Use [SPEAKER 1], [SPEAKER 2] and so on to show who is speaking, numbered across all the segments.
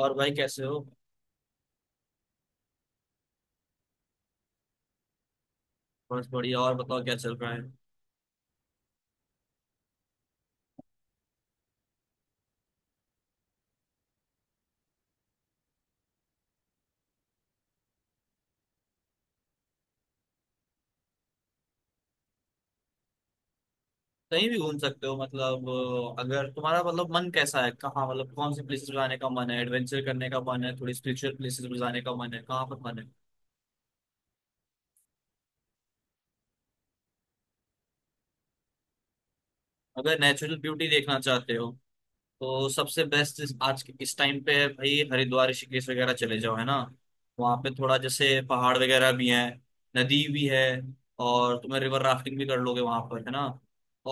[SPEAKER 1] और भाई कैसे हो। बस बढ़िया। और बताओ क्या चल रहा है। कहीं भी घूम सकते हो मतलब। अगर तुम्हारा मतलब मन कैसा है, कहाँ मतलब कौन सी प्लेसेस पे जाने का मन है, एडवेंचर करने का मन है, थोड़ी स्पिरिचुअल प्लेसेस पे जाने का मन है, कहाँ पर मन है। अगर नेचुरल ब्यूटी देखना चाहते हो तो सबसे बेस्ट आज के इस टाइम पे है भाई, हरिद्वार ऋषिकेश वगैरह चले जाओ, है ना। वहाँ पे थोड़ा जैसे पहाड़ वगैरह भी है, नदी भी है, और तुम्हें रिवर राफ्टिंग भी कर लोगे वहाँ पर, है ना।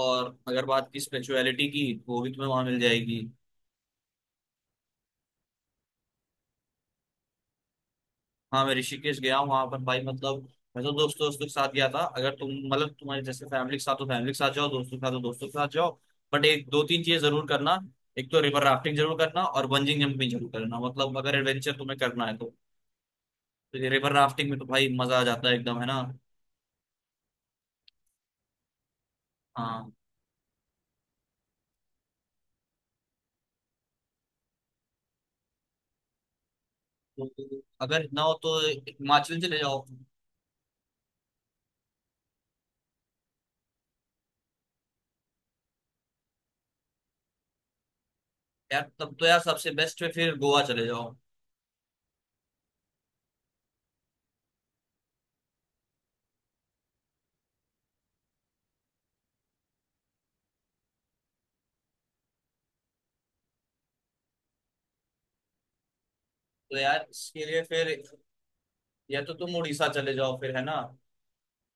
[SPEAKER 1] और अगर बात की स्पिरिचुअलिटी की, वो भी तुम्हें वहाँ मिल जाएगी। हाँ, मैं ऋषिकेश गया हूँ। वहां पर भाई मतलब मैं तो दोस्तों दोस्तों के साथ गया था। अगर तुम मतलब तुम्हारे जैसे फैमिली के साथ तो फैमिली के साथ जाओ, दोस्तों के साथ तो दोस्तों के साथ जाओ। बट एक दो तीन चीजें जरूर करना। एक तो रिवर राफ्टिंग जरूर करना और बंजिंग जंपिंग जरूर करना, मतलब अगर एडवेंचर तुम्हें करना है तो ये रिवर राफ्टिंग में तो भाई मजा आ जाता है एकदम, है ना। हाँ। तो अगर ना हो तो हिमाचल चले जाओ। यार तब तो यार सबसे बेस्ट है फिर गोवा चले जाओ। तो यार इसके लिए फिर या तो तुम उड़ीसा चले जाओ, फिर है ना।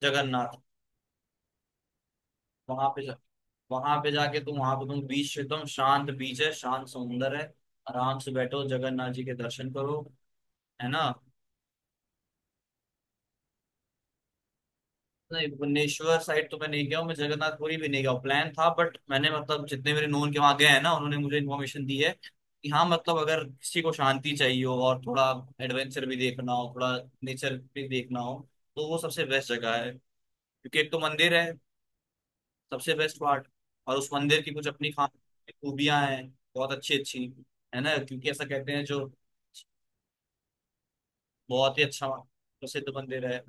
[SPEAKER 1] जगन्नाथ। वहां पे जा वहां पे जाके तुम वहां पे तुम बीच, एकदम शांत बीच है, शांत समुंदर है। आराम से बैठो, जगन्नाथ जी के दर्शन करो, है ना। नहीं, भुवनेश्वर साइड तो मैं नहीं गया हूँ, मैं जगन्नाथपुरी भी नहीं गया हूँ, प्लान था, बट मैंने मतलब जितने मेरे नोन के वहां गए हैं ना, उन्होंने मुझे इन्फॉर्मेशन दी है कि हाँ मतलब अगर किसी को शांति चाहिए हो और थोड़ा एडवेंचर भी देखना हो, थोड़ा नेचर भी देखना हो तो वो सबसे बेस्ट जगह है। क्योंकि एक तो मंदिर है, सबसे बेस्ट पार्ट, और उस मंदिर की कुछ अपनी खास खूबियां हैं, बहुत अच्छी अच्छी है ना, क्योंकि ऐसा कहते हैं जो बहुत ही अच्छा प्रसिद्ध मंदिर है।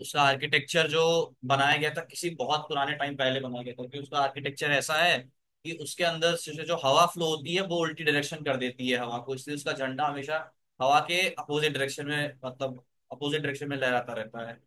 [SPEAKER 1] उसका आर्किटेक्चर जो बनाया गया था किसी बहुत पुराने टाइम पहले बनाया गया था, क्योंकि उसका आर्किटेक्चर ऐसा है कि उसके अंदर से जो हवा फ्लो होती है वो उल्टी डायरेक्शन कर देती है हवा को, इसलिए उसका झंडा हमेशा हवा के अपोजिट डायरेक्शन में, मतलब अपोजिट डायरेक्शन में लहराता रहता है।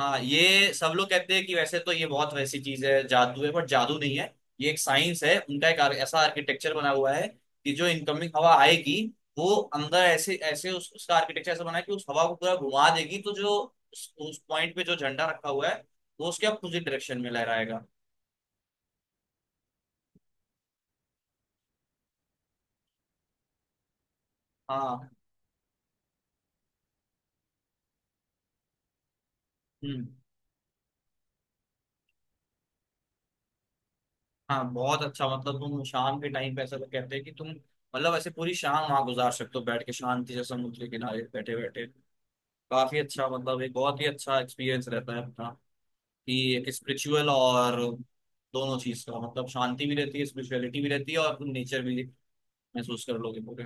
[SPEAKER 1] हाँ, ये सब लोग कहते हैं कि वैसे तो ये बहुत वैसी चीज है, जादू है, बट जादू नहीं है, ये एक साइंस है। उनका एक ऐसा आर्किटेक्चर बना हुआ है कि जो इनकमिंग हवा आएगी वो अंदर ऐसे ऐसे उसका आर्किटेक्चर ऐसा बना है कि उस हवा को पूरा घुमा देगी, तो जो उस पॉइंट पे जो झंडा रखा हुआ है वो उसके अपोजिट डायरेक्शन में लहराएगा। हाँ। हम्म। हाँ, बहुत अच्छा, मतलब तुम शाम के टाइम पे, ऐसा लोग कहते हैं कि तुम मतलब ऐसे पूरी शाम वहां गुजार सकते हो, बैठ के शांति से समुद्र के किनारे बैठे बैठे। काफी अच्छा मतलब एक बहुत ही अच्छा एक्सपीरियंस रहता है अपना, कि स्पिरिचुअल और दोनों चीज का मतलब, शांति भी रहती है, स्पिरिचुअलिटी भी रहती है, और तुम नेचर भी महसूस कर लोगे पूरे।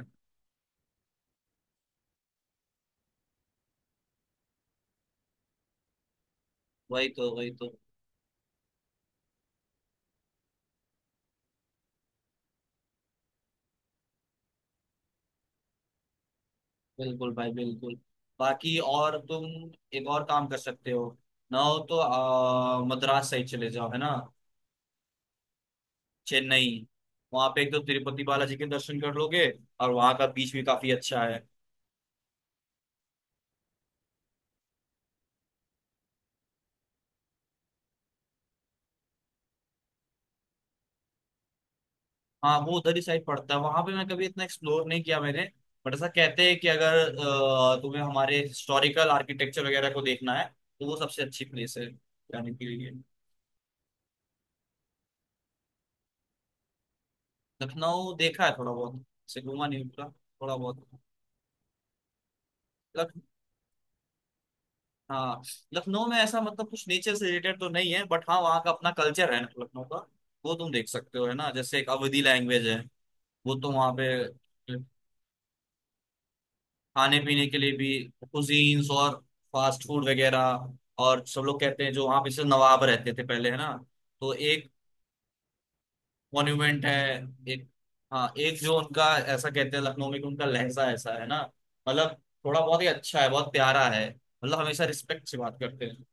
[SPEAKER 1] वही तो, वही तो। बिल्कुल भाई बिल्कुल। बाकी और तुम एक और काम कर सकते हो, ना हो तो मद्रास साइड चले जाओ, है ना। चेन्नई। वहां पे एक तो तिरुपति बालाजी के दर्शन कर लोगे, और वहां का बीच भी काफी अच्छा है। हाँ, वो उधर ही साइड पड़ता है। वहां पे मैं कभी इतना एक्सप्लोर नहीं किया मैंने, बट ऐसा कहते हैं कि अगर तुम्हें हमारे हिस्टोरिकल आर्किटेक्चर वगैरह को देखना है तो वो सबसे अच्छी प्लेस है जाने के लिए। लखनऊ देखा है थोड़ा बहुत, से घूमा नहीं पूरा, थोड़ा बहुत। लख हाँ, लखनऊ में ऐसा मतलब कुछ नेचर से रिलेटेड तो नहीं है, बट हाँ वहाँ का अपना कल्चर है ना लखनऊ का, वो तुम देख सकते हो, है ना। जैसे एक अवधी लैंग्वेज है, वो तो वहाँ पे। खाने पीने के लिए भी कुजीन्स और फास्ट फूड वगैरह। और सब लोग कहते हैं जो वहाँ पे से नवाब रहते थे पहले, है ना। तो एक मॉन्यूमेंट है। एक, हाँ, एक जो उनका, ऐसा कहते हैं लखनऊ में कि उनका लहजा ऐसा है ना, मतलब थोड़ा बहुत ही अच्छा है, बहुत प्यारा है, मतलब हमेशा रिस्पेक्ट से बात करते हैं।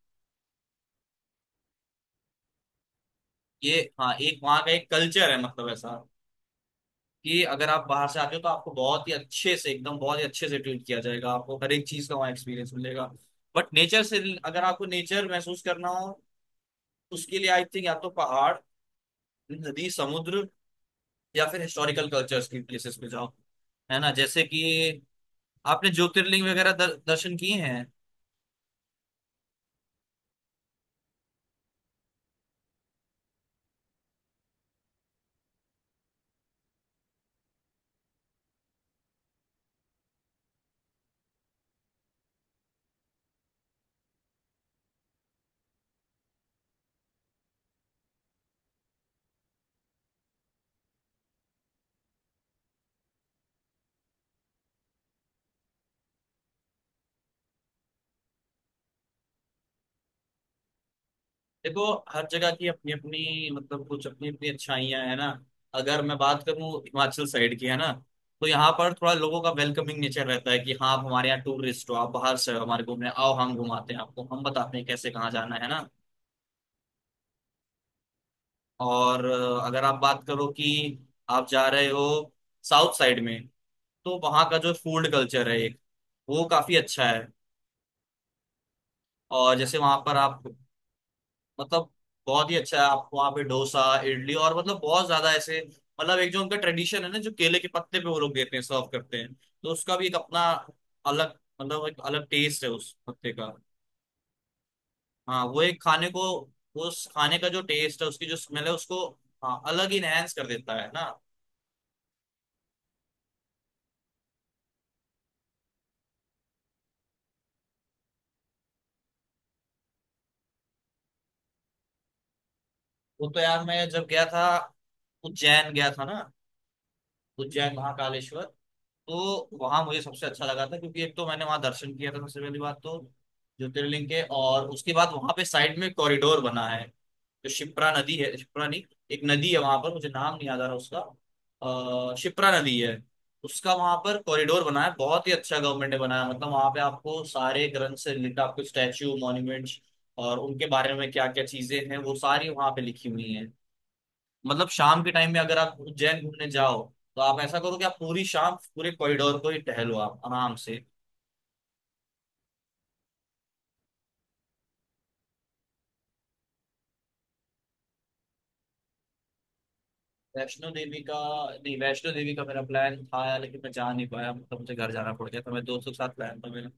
[SPEAKER 1] ये हाँ एक वहाँ का एक कल्चर है मतलब ऐसा कि अगर आप बाहर से आते हो तो आपको बहुत ही अच्छे से, एकदम बहुत ही अच्छे से ट्रीट किया जाएगा, आपको हर एक चीज का वहाँ एक्सपीरियंस मिलेगा। बट नेचर से, अगर आपको नेचर महसूस करना हो उसके लिए आई थिंक या तो पहाड़, नदी, समुद्र, या फिर हिस्टोरिकल कल्चर्स की प्लेसेस पे जाओ, है ना। जैसे कि आपने ज्योतिर्लिंग वगैरह दर्शन किए हैं। देखो, हर जगह की अपनी अपनी मतलब कुछ अपनी अपनी अच्छाइयां है ना। अगर मैं बात करूं हिमाचल साइड की, है ना, तो यहाँ पर थोड़ा लोगों का वेलकमिंग नेचर रहता है, कि हाँ आप हमारे यहाँ टूरिस्ट हो, आप बाहर से हो, हमारे घूमने आओ, हम घुमाते हैं आपको, हम बताते हैं कैसे कहाँ जाना, है ना। और अगर आप बात करो कि आप जा रहे हो साउथ साइड में, तो वहाँ का जो फूड कल्चर है एक, वो काफी अच्छा है। और जैसे वहाँ पर आप मतलब बहुत ही अच्छा है। आप वहाँ पे डोसा, इडली और मतलब बहुत ज्यादा ऐसे, मतलब एक जो उनका ट्रेडिशन है ना, जो केले के पत्ते पे वो लोग देते हैं सर्व करते हैं, तो उसका भी एक अपना अलग, मतलब एक अलग टेस्ट है उस पत्ते का। हाँ, वो एक खाने को, उस खाने का जो टेस्ट है, उसकी जो स्मेल है उसको हाँ, अलग ही इनहेंस कर देता है ना। वो तो यार मैं जब गया था, उज्जैन गया था ना, उज्जैन महाकालेश्वर, तो वहां मुझे सबसे अच्छा लगा था, क्योंकि एक तो मैंने वहां दर्शन किया था सबसे पहली बात तो ज्योतिर्लिंग के, और उसके बाद वहां पे साइड में कॉरिडोर बना है, जो शिप्रा नदी है, शिप्रा नहीं, एक नदी है वहां पर, मुझे नाम नहीं याद आ रहा उसका। अः शिप्रा नदी है। उसका वहां पर कॉरिडोर बना है बहुत ही अच्छा, गवर्नमेंट ने बनाया, मतलब वहां पे आपको सारे ग्रंथ से रिलेटेड आपको स्टैच्यू मॉन्यूमेंट्स और उनके बारे में क्या क्या चीजें हैं वो सारी वहां पे लिखी हुई हैं। मतलब शाम के टाइम में अगर आप उज्जैन घूमने जाओ, तो आप ऐसा करो कि आप पूरी शाम पूरे कॉरिडोर को ही टहलो आप आराम से। वैष्णो देवी का, नहीं वैष्णो देवी का मेरा प्लान था यार, लेकिन मैं जा नहीं पाया, मतलब मुझे घर जाना पड़ गया, तो मैं दोस्तों के साथ प्लान था मेरा।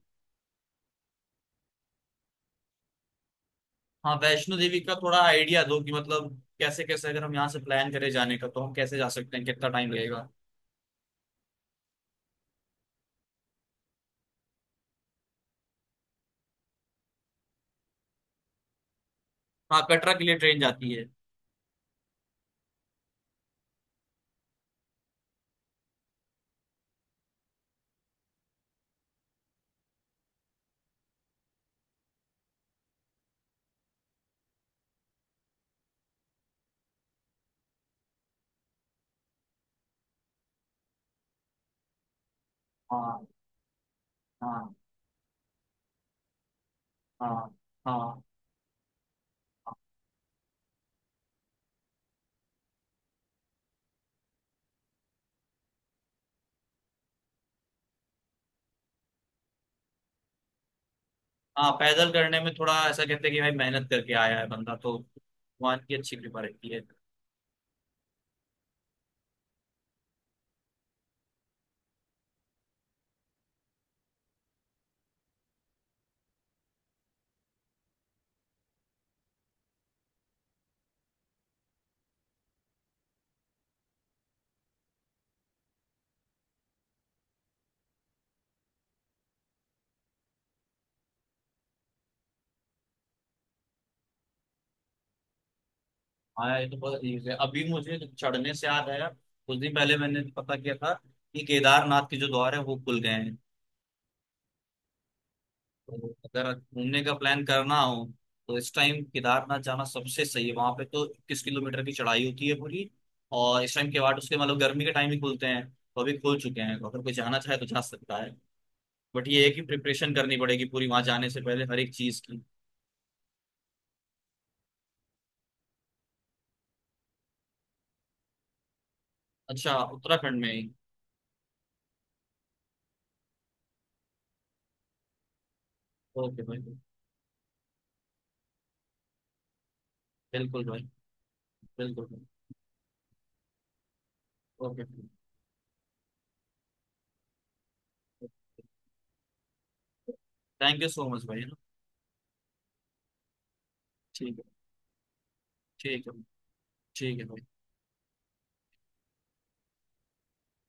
[SPEAKER 1] हाँ, वैष्णो देवी का थोड़ा आइडिया दो कि मतलब कैसे कैसे, अगर हम यहाँ से प्लान करें जाने का तो हम कैसे जा सकते हैं, कितना टाइम लगेगा। हाँ, कटरा के लिए ट्रेन जाती है। हाँ। हाँ। हाँ। हाँ। हाँ, पैदल करने में थोड़ा ऐसा कहते हैं कि भाई मेहनत करके आया है बंदा तो भगवान की अच्छी कृपा रहती है। हाँ, ये तो बहुत easy है। अभी मुझे चढ़ने से याद आया कुछ दिन पहले मैंने पता किया था कि केदारनाथ के जो द्वार है वो खुल गए हैं। तो अगर घूमने का प्लान करना हो तो इस टाइम केदारनाथ जाना सबसे सही है। वहां पे तो 21 किलोमीटर की चढ़ाई होती है पूरी। और इस टाइम के बाद उसके, मतलब गर्मी के टाइम ही खुलते हैं तो अभी खुल चुके हैं, तो अगर कोई जाना चाहे तो जा सकता है, बट ये है कि प्रिपरेशन करनी पड़ेगी पूरी वहां जाने से पहले हर एक चीज की। अच्छा, उत्तराखंड में ही। ओके भाई। बिल्कुल भाई, बिल्कुल भाई। Okay. Thank you so much भाई, है ना। ठीक है। ठीक है। ठीक है भाई।